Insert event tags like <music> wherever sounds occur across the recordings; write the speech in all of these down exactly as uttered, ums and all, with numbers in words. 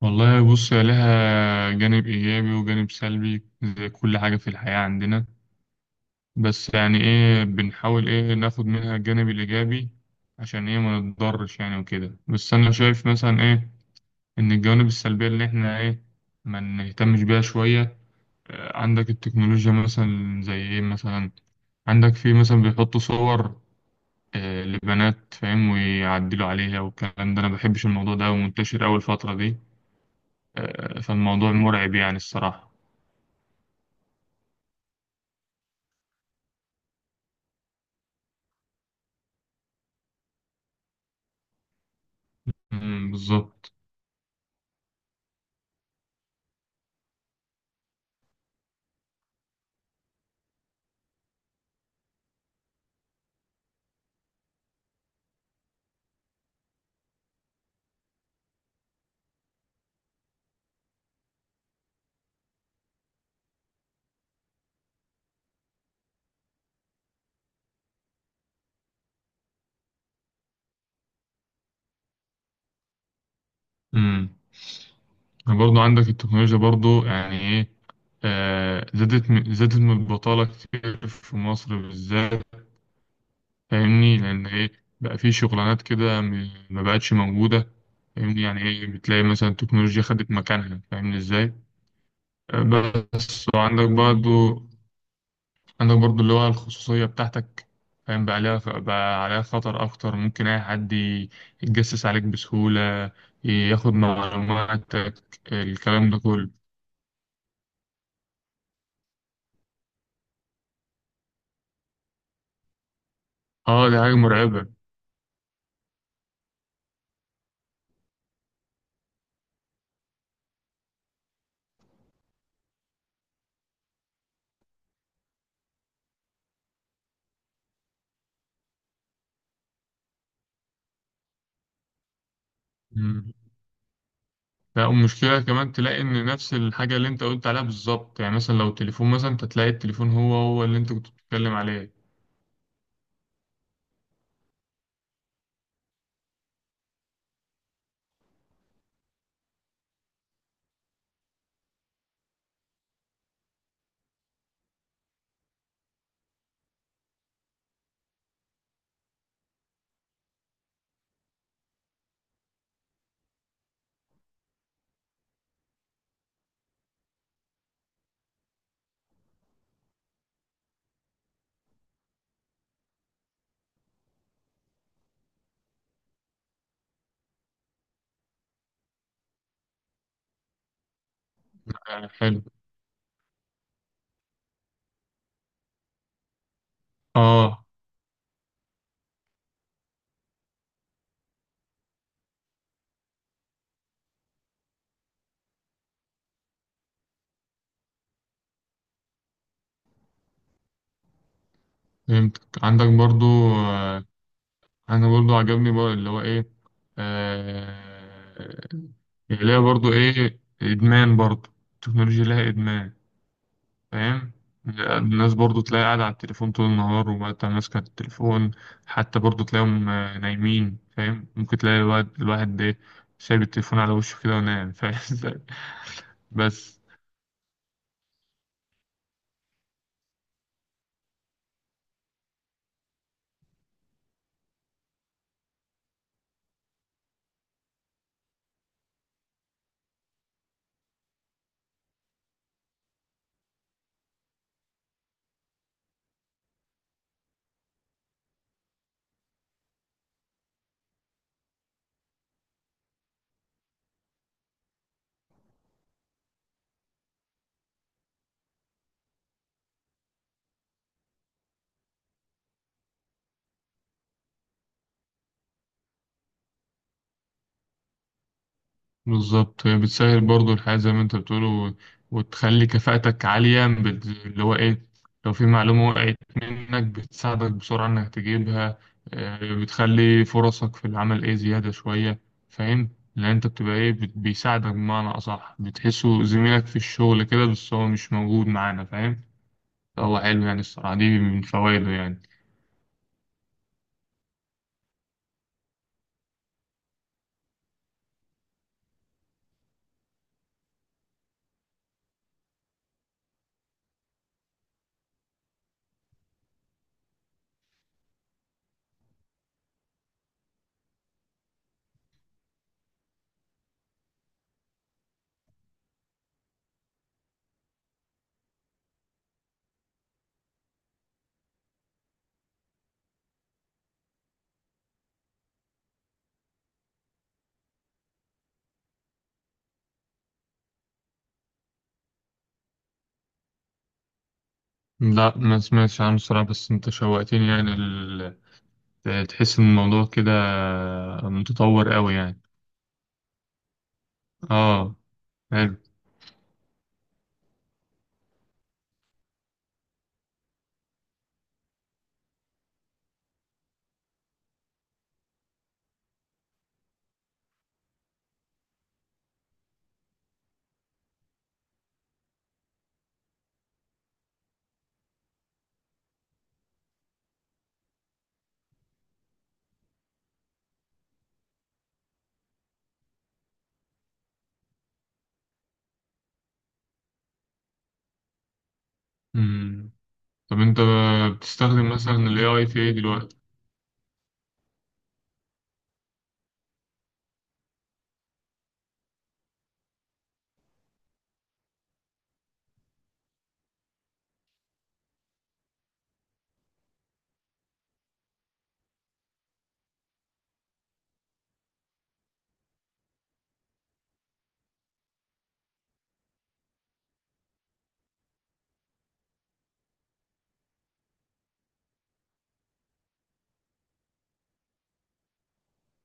والله بص، هي لها جانب إيجابي وجانب سلبي زي كل حاجة في الحياة عندنا. بس يعني إيه بنحاول إيه ناخد منها الجانب الإيجابي عشان إيه ما نتضرش يعني وكده. بس أنا شايف مثلا إيه إن الجوانب السلبية اللي إحنا إيه ما نهتمش بيها شوية. آه، عندك التكنولوجيا مثلا زي إيه مثلا. عندك في مثلا بيحطوا صور آه، لبنات، فاهم، ويعدلوا عليها، والكلام ده أنا مبحبش الموضوع ده، ومنتشر أول فترة دي. آه، فالموضوع مرعب يعني الصراحة. امم بالظبط. امم برضه عندك التكنولوجيا برضه، يعني ايه، آه، زادت من- زادت من البطالة كتير في مصر بالذات. فاهمني؟ لأن ايه بقى في شغلانات كده م- ما بقتش موجودة. فاهمني، يعني ايه بتلاقي مثلا التكنولوجيا خدت مكانها، فاهمني ازاي؟ آه، بس وعندك برضه، عندك برضو اللي هو الخصوصية بتاعتك، فاهم؟ بقى عليها بقى عليها خطر أكتر، ممكن أي حد ي- يتجسس عليك بسهولة، ياخد معلوماتك، الكلام ده كله. اه دي حاجة مرعبة. مم. لا، والمشكلة كمان تلاقي إن نفس الحاجة اللي أنت قلت عليها بالظبط، يعني مثلا لو تليفون مثلا أنت تلاقي التليفون هو هو اللي أنت كنت بتتكلم عليه. يعني حلو. اه، فهمتك. عندك برضو آه، انا برضو عجبني بقى اللي هو ايه، آه اللي هي برضو ايه، ادمان. برضو التكنولوجيا لها ادمان، فاهم؟ الناس برضو تلاقي قاعدة على التليفون طول النهار، وقت ماسكة التليفون. حتى برضو تلاقيهم آه، نايمين، فاهم؟ ممكن تلاقي الواحد الواحد ده سايب التليفون على وشه كده ونايم، فاهم إزاي؟ <laughs> بس. بالظبط، هي بتسهل برضو الحياة زي ما انت بتقول، و- وتخلي كفاءتك عالية، بت- اللي هو ايه، لو في معلومة وقعت منك بتساعدك بسرعة انك تجيبها. آه، بتخلي فرصك في العمل ايه، زيادة شوية، فاهم؟ لان انت بتبقى ايه، بت- بيساعدك بمعنى اصح، بتحسه زميلك في الشغل كده، بس هو مش موجود معانا، فاهم. فهو حلو يعني الصراحة، دي من فوائده يعني. لا، ما سمعتش عنه الصراحة، بس انت شوقتني يعني ال... تحس ان الموضوع كده متطور قوي يعني. اه، حلو. مم. طب انت بتستخدم مثلا ال إيه آي في ايه دلوقتي؟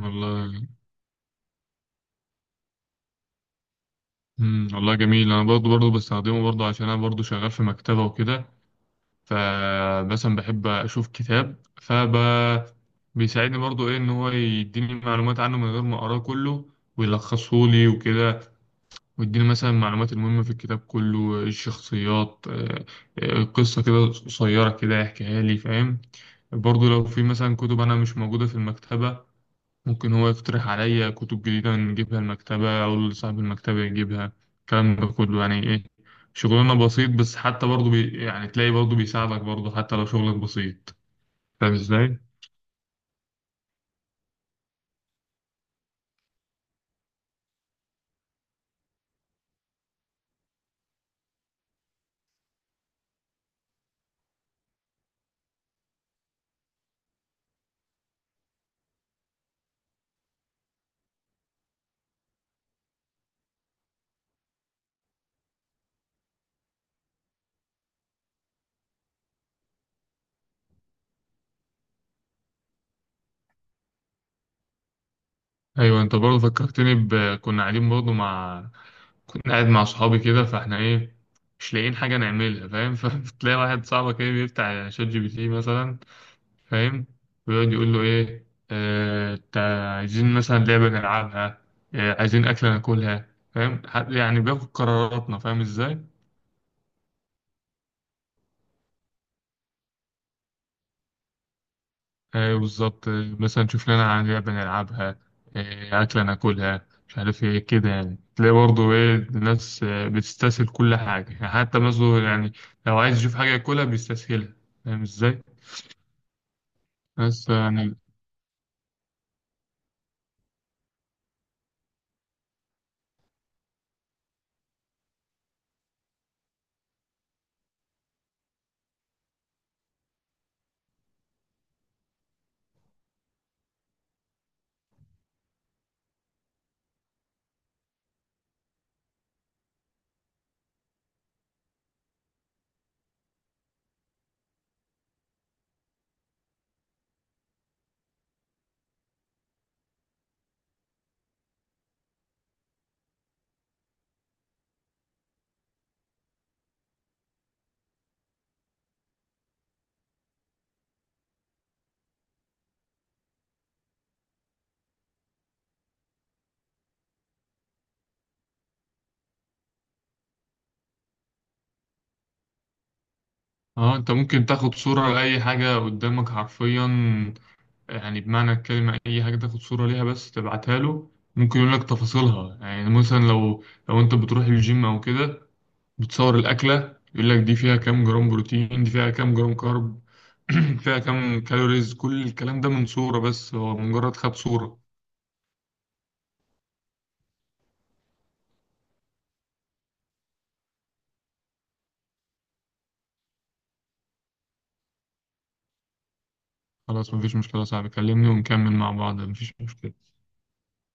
والله. مم. والله جميل، انا برضو برضو بستخدمه برضو عشان انا برضو شغال في مكتبة وكده. فمثلا بحب اشوف كتاب فب بيساعدني برضو ايه، ان هو يديني معلومات عنه من غير ما اقراه كله، ويلخصه لي وكده، ويديني مثلا المعلومات المهمة في الكتاب كله، الشخصيات، آه، آه، قصة كده قصيرة كده يحكيها لي، فاهم؟ برضو لو في مثلا كتب أنا مش موجودة في المكتبة، ممكن هو يقترح عليا كتب جديدة نجيبها المكتبة أو صاحب المكتبة يجيبها، الكلام ده كله، يعني إيه، شغلنا بسيط، بس حتى برضه بي يعني تلاقي برضه بيساعدك برضه حتى لو شغلك بسيط، فاهم إزاي؟ أيوة، أنت برضه فكرتني ب كنا قاعدين برضه مع كنا قاعد مع صحابي كده، فإحنا إيه، مش لاقيين حاجة نعملها، فاهم؟ <laughs> فتلاقي واحد صاحبك إيه بيفتح شات جي بي تي مثلا، فاهم، ويقعد يقول له ايه، آه، تع- عايزين مثلا لعبة نلعبها، آه، عايزين أكلة ناكلها، فاهم، ح- يعني بياخد قراراتنا، فاهم ازاي؟ ايوه بالظبط. آه، مثلا شوف لنا عن لعبة نلعبها، آه، أكلة ناكلها، مش عارف ايه كده، يعني تلاقي برضه ايه الناس آه، بتستسهل كل حاجة، يعني حتى مثلا يعني لو عايز يشوف حاجة ياكلها بيستسهلها، فاهم ازاي؟ بس يعني اه انت ممكن تاخد صورة لأي حاجة قدامك حرفيا، يعني بمعنى الكلمة أي حاجة تاخد صورة ليها بس تبعتها له، ممكن يقول لك تفاصيلها، يعني مثلا لو لو أنت بتروح الجيم أو كده بتصور الأكلة يقول لك دي فيها كام جرام بروتين، دي فيها كام جرام كارب، <clears throat> فيها كام كالوريز، كل الكلام ده من صورة بس، هو مجرد خد صورة. خلاص مفيش مشكلة يا صاحبي، كلمني ونكمل مع بعض، مفيش مشكلة.